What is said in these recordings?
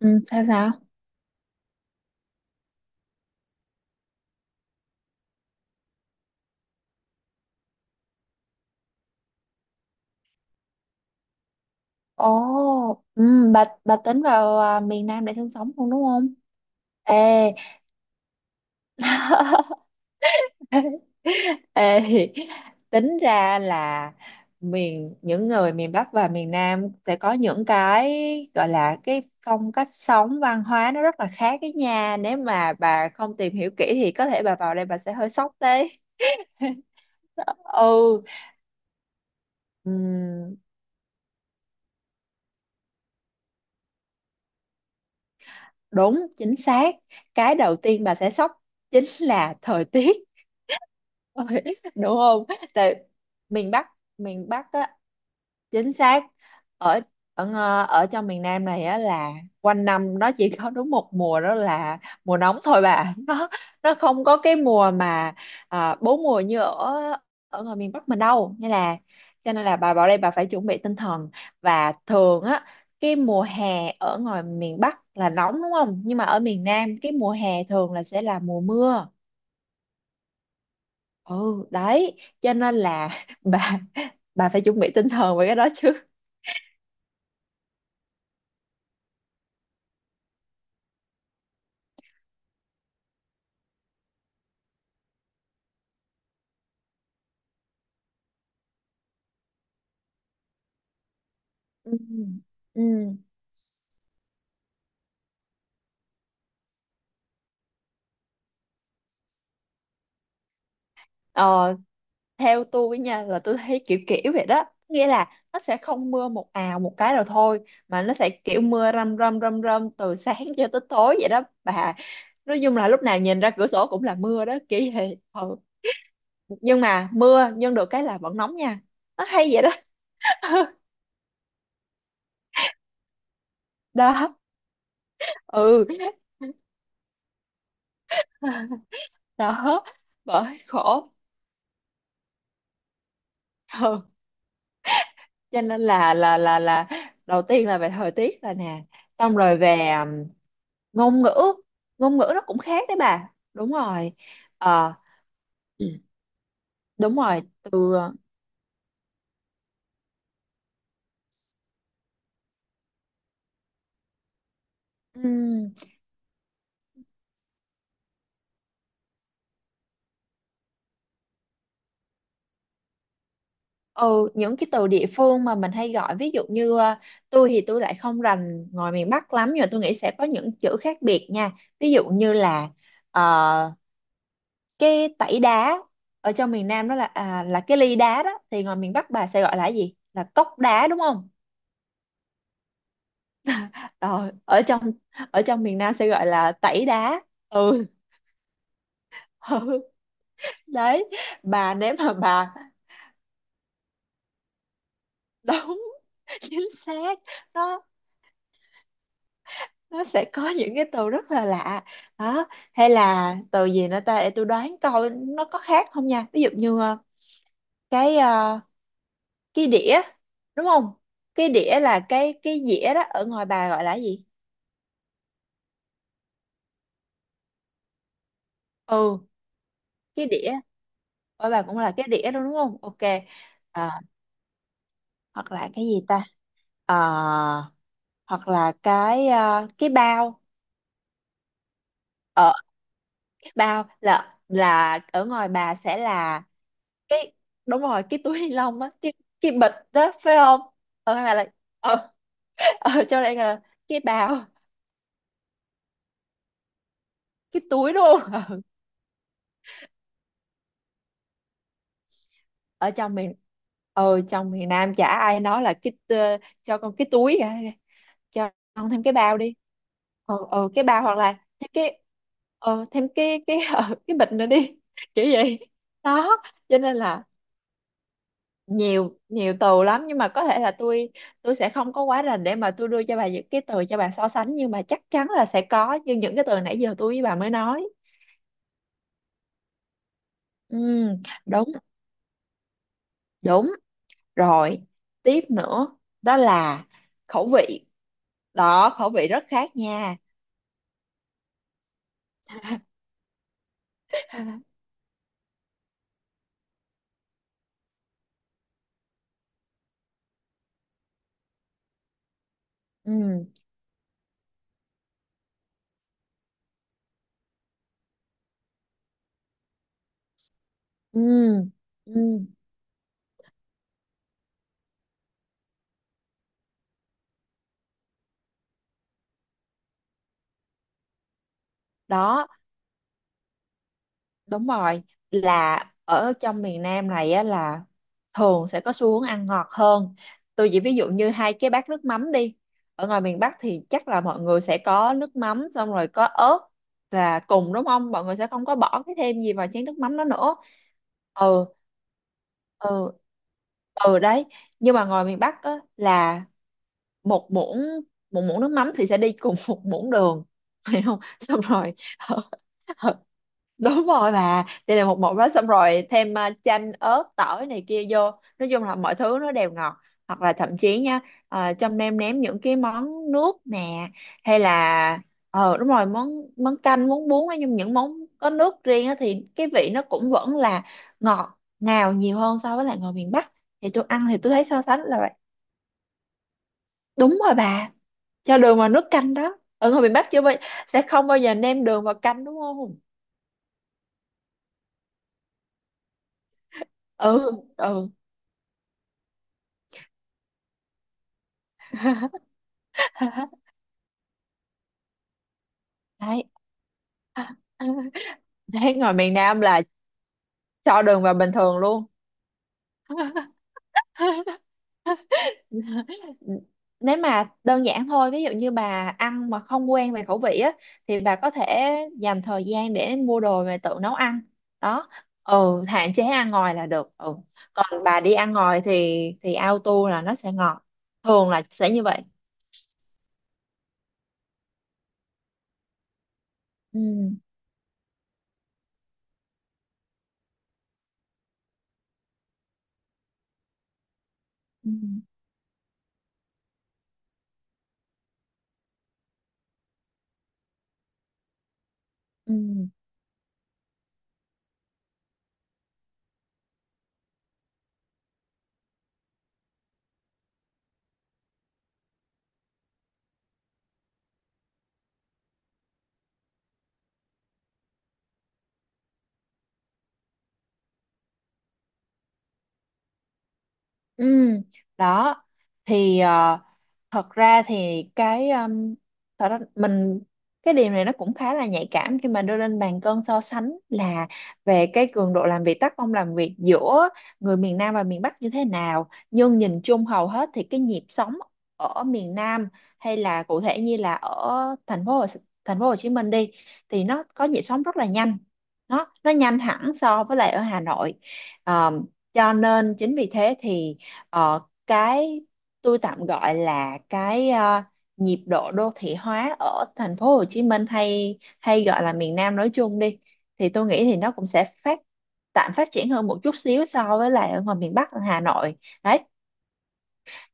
Ừ, sao sao? Ồ, ừ, bà tính vào miền Nam để sinh sống không đúng không? Ê, ê, tính ra là những người miền Bắc và miền Nam sẽ có những cái gọi là cái phong cách sống văn hóa nó rất là khác cái nha. Nếu mà bà không tìm hiểu kỹ thì có thể bà vào đây bà sẽ hơi sốc đấy. Ừ. Đúng, chính xác. Cái đầu tiên bà sẽ sốc chính là thời tiết. Ôi, đúng không? Tại miền Bắc, miền Bắc á, chính xác ở ở ng- ở trong miền Nam này á là quanh năm nó chỉ có đúng một mùa đó là mùa nóng thôi bà nó không có cái mùa mà bốn mùa như ở ở ngoài miền Bắc mình đâu nên là cho nên là bà vào đây bà phải chuẩn bị tinh thần và thường á, cái mùa hè ở ngoài miền Bắc là nóng đúng không, nhưng mà ở miền Nam cái mùa hè thường là sẽ là mùa mưa, ừ đấy cho nên là bà bà phải chuẩn bị tinh thần về cái đó chứ ừ. Ừ. Ờ, theo tôi nha là tôi thấy kiểu kiểu vậy đó, nghĩa là nó sẽ không mưa một ào một cái rồi thôi, mà nó sẽ kiểu mưa râm râm râm râm từ sáng cho tới tối vậy đó bà. Nói chung là lúc nào nhìn ra cửa sổ cũng là mưa đó kiểu vậy ừ. Nhưng mà mưa nhưng được cái là vẫn nóng nha, nó hay vậy đó. Đó, ừ đó, bởi khổ ừ. Cho nên là đầu tiên là về thời tiết là nè, xong rồi về ngôn ngữ, ngôn ngữ nó cũng khác đấy bà đúng rồi. Ờ, Ừ, đúng rồi, từ ừm, ừ, những cái từ địa phương mà mình hay gọi, ví dụ như ờ, tôi thì tôi lại không rành ngoài miền Bắc lắm, nhưng mà tôi nghĩ sẽ có những chữ khác biệt nha, ví dụ như là ờ, cái tẩy đá ở trong miền Nam đó là là cái ly đá đó, thì ngoài miền Bắc bà sẽ gọi là cái gì, là cốc đá đúng không, rồi ở trong, miền Nam sẽ gọi là tẩy đá. Ừ, ừ đấy, bà nếu mà bà đúng chính xác. Nó sẽ có những cái từ rất là lạ đó. Hay là từ gì nữa ta, để tôi đoán coi nó có khác không nha, ví dụ như cái cái đĩa đúng không, cái đĩa là cái dĩa đó, ở ngoài bà gọi là cái gì? Ừ, cái đĩa, ở bà cũng là cái đĩa đó đúng không, ok. À, hoặc là cái gì ta, Ờ, hoặc là cái cái bao. Ờ, bao là ở ngoài bà sẽ là đúng rồi, cái túi ni lông á, cái bịch đó phải không, ở ngoài bà là ở, ở trong đây là cái bao, cái túi luôn. Ở trong miền, ừ trong miền Nam chả ai nói là cho con cái túi cả, cho con thêm cái bao đi. Ờ ờ, cái bao hoặc là thêm cái, ừ, thêm cái ừ, cái bịch nữa đi, kiểu vậy. Đó cho nên là nhiều nhiều từ lắm, nhưng mà có thể là tôi sẽ không có quá rành để mà tôi đưa cho bà những cái từ cho bà so sánh, nhưng mà chắc chắn là sẽ có như những cái từ nãy giờ tôi với bà mới nói. Ừ, đúng đúng rồi, tiếp nữa đó là khẩu vị, đó khẩu vị rất khác nha. Ừ, ừ, ừ. Đó, Đúng rồi, là ở trong miền Nam này á là thường sẽ có xu hướng ăn ngọt hơn. Tôi chỉ ví dụ như hai cái bát nước mắm đi. Ở ngoài miền Bắc thì chắc là mọi người sẽ có nước mắm xong rồi có ớt là cùng đúng không? Mọi người sẽ không có bỏ cái thêm gì vào chén nước mắm đó nữa. Ừ, ừ, ừ đấy. Nhưng mà ngoài miền Bắc á là một muỗng một muỗng nước mắm thì sẽ đi cùng một muỗng đường. Phải không? Xong rồi đúng rồi bà, đây là một một đó, xong rồi thêm chanh ớt tỏi này kia vô. Nói chung là mọi thứ nó đều ngọt, hoặc là thậm chí nha, trong ném những cái món nước nè, hay là ờ đúng rồi món món canh món bún, nói nhưng những món có nước riêng á, thì cái vị nó cũng vẫn là ngọt ngào nhiều hơn so với lại ngoài miền Bắc, thì tôi ăn thì tôi thấy so sánh là vậy. Đúng rồi bà, cho đường vào nước canh đó, ở ngoài miền Bắc chưa bao sẽ không bao giờ nêm đường vào canh đúng không, ừ ừ. Đấy, đấy ngoài miền Nam là cho đường vào bình thường luôn. Nếu mà đơn giản thôi, ví dụ như bà ăn mà không quen về khẩu vị á, thì bà có thể dành thời gian để mua đồ về tự nấu ăn. Đó, ừ, hạn chế ăn ngoài là được ừ. Còn bà đi ăn ngoài thì auto là nó sẽ ngọt, thường là sẽ như vậy. Ừ ừ ừ, Ừ, đó thì thật ra thì cái thật ra mình, cái điều này nó cũng khá là nhạy cảm khi mà đưa lên bàn cân so sánh là về cái cường độ làm việc, tác phong làm việc giữa người miền Nam và miền Bắc như thế nào, nhưng nhìn chung hầu hết thì cái nhịp sống ở miền Nam hay là cụ thể như là ở thành phố Hồ, thành phố Hồ Chí Minh đi, thì nó có nhịp sống rất là nhanh, nó nhanh hẳn so với lại ở Hà Nội. Ờ, cho nên chính vì thế thì Ờ, cái tôi tạm gọi là cái nhịp độ đô thị hóa ở thành phố Hồ Chí Minh hay hay gọi là miền Nam nói chung đi, thì tôi nghĩ thì nó cũng sẽ tạm phát triển hơn một chút xíu so với lại ở ngoài miền Bắc ở Hà Nội. Đấy,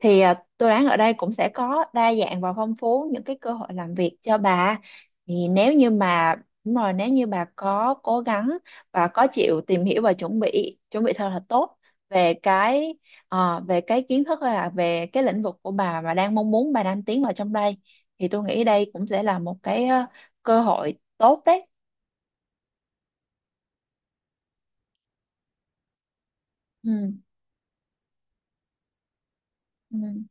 thì tôi đoán ở đây cũng sẽ có đa dạng và phong phú những cái cơ hội làm việc cho bà. Thì nếu như mà đúng rồi, nếu như bà có cố gắng và có chịu tìm hiểu và chuẩn bị thật là tốt về cái về cái kiến thức hay là về cái lĩnh vực của bà mà đang mong muốn bà đang tiến vào trong đây, thì tôi nghĩ đây cũng sẽ là một cái cơ hội tốt đấy. Ừ ừ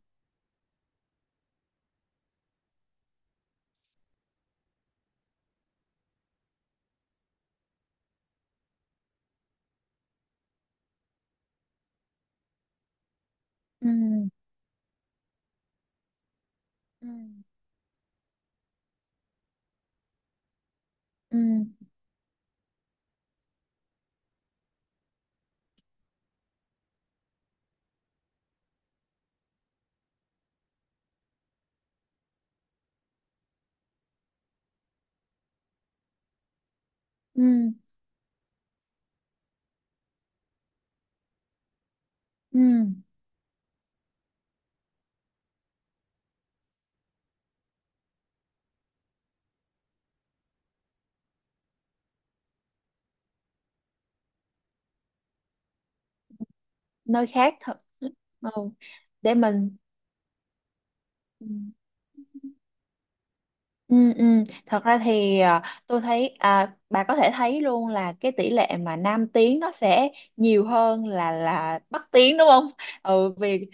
ừ ừ ừ ừ ừ. Ừ. Nơi khác thật ừ. Để mình ừ. Ừ, ừ. Thật ra thì tôi thấy bà có thể thấy luôn là cái tỷ lệ mà nam tiếng nó sẽ nhiều hơn là bắc tiếng đúng không? Ừ, vì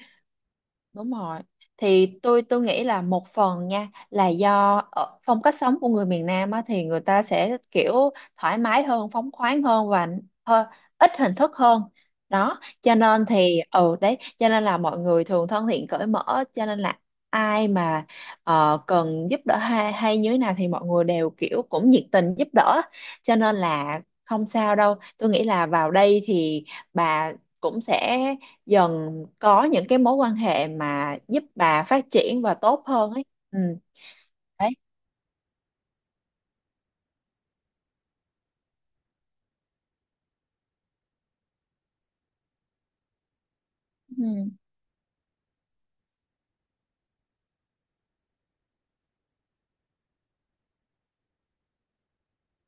Đúng rồi. Thì tôi nghĩ là một phần nha là do ở phong cách sống của người miền Nam á, thì người ta sẽ kiểu thoải mái hơn, phóng khoáng hơn và hơi ít hình thức hơn. Đó, cho nên thì ừ đấy, cho nên là mọi người thường thân thiện cởi mở, cho nên là ai mà cần giúp đỡ hay hay như thế nào thì mọi người đều kiểu cũng nhiệt tình giúp đỡ. Cho nên là không sao đâu. Tôi nghĩ là vào đây thì bà cũng sẽ dần có những cái mối quan hệ mà giúp bà phát triển và tốt hơn ấy. Ừ đấy ừ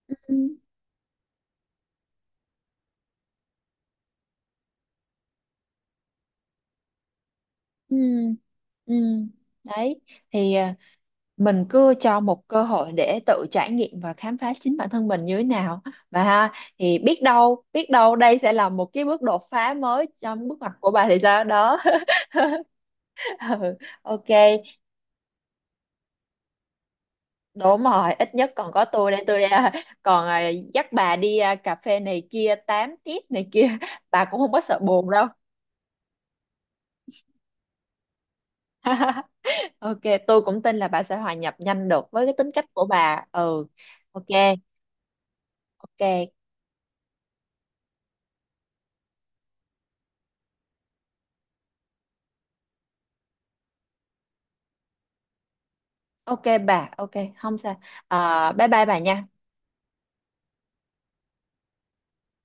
ừ ừ ừ. Đấy thì mình cứ cho một cơ hội để tự trải nghiệm và khám phá chính bản thân mình như thế nào và ha, thì biết đâu đây sẽ là một cái bước đột phá mới trong bước ngoặt của bà thì sao đó. Ừ, ok. Đúng rồi, ít nhất còn có tôi đây là- còn dắt bà đi cà phê này kia, tám tiếp này kia, bà cũng không có sợ buồn đâu. Ok, tôi cũng tin là bà sẽ hòa nhập nhanh được với cái tính cách của bà. Ừ, ok, ok, ok bà, ok, không sao. À, bye bye bà nha.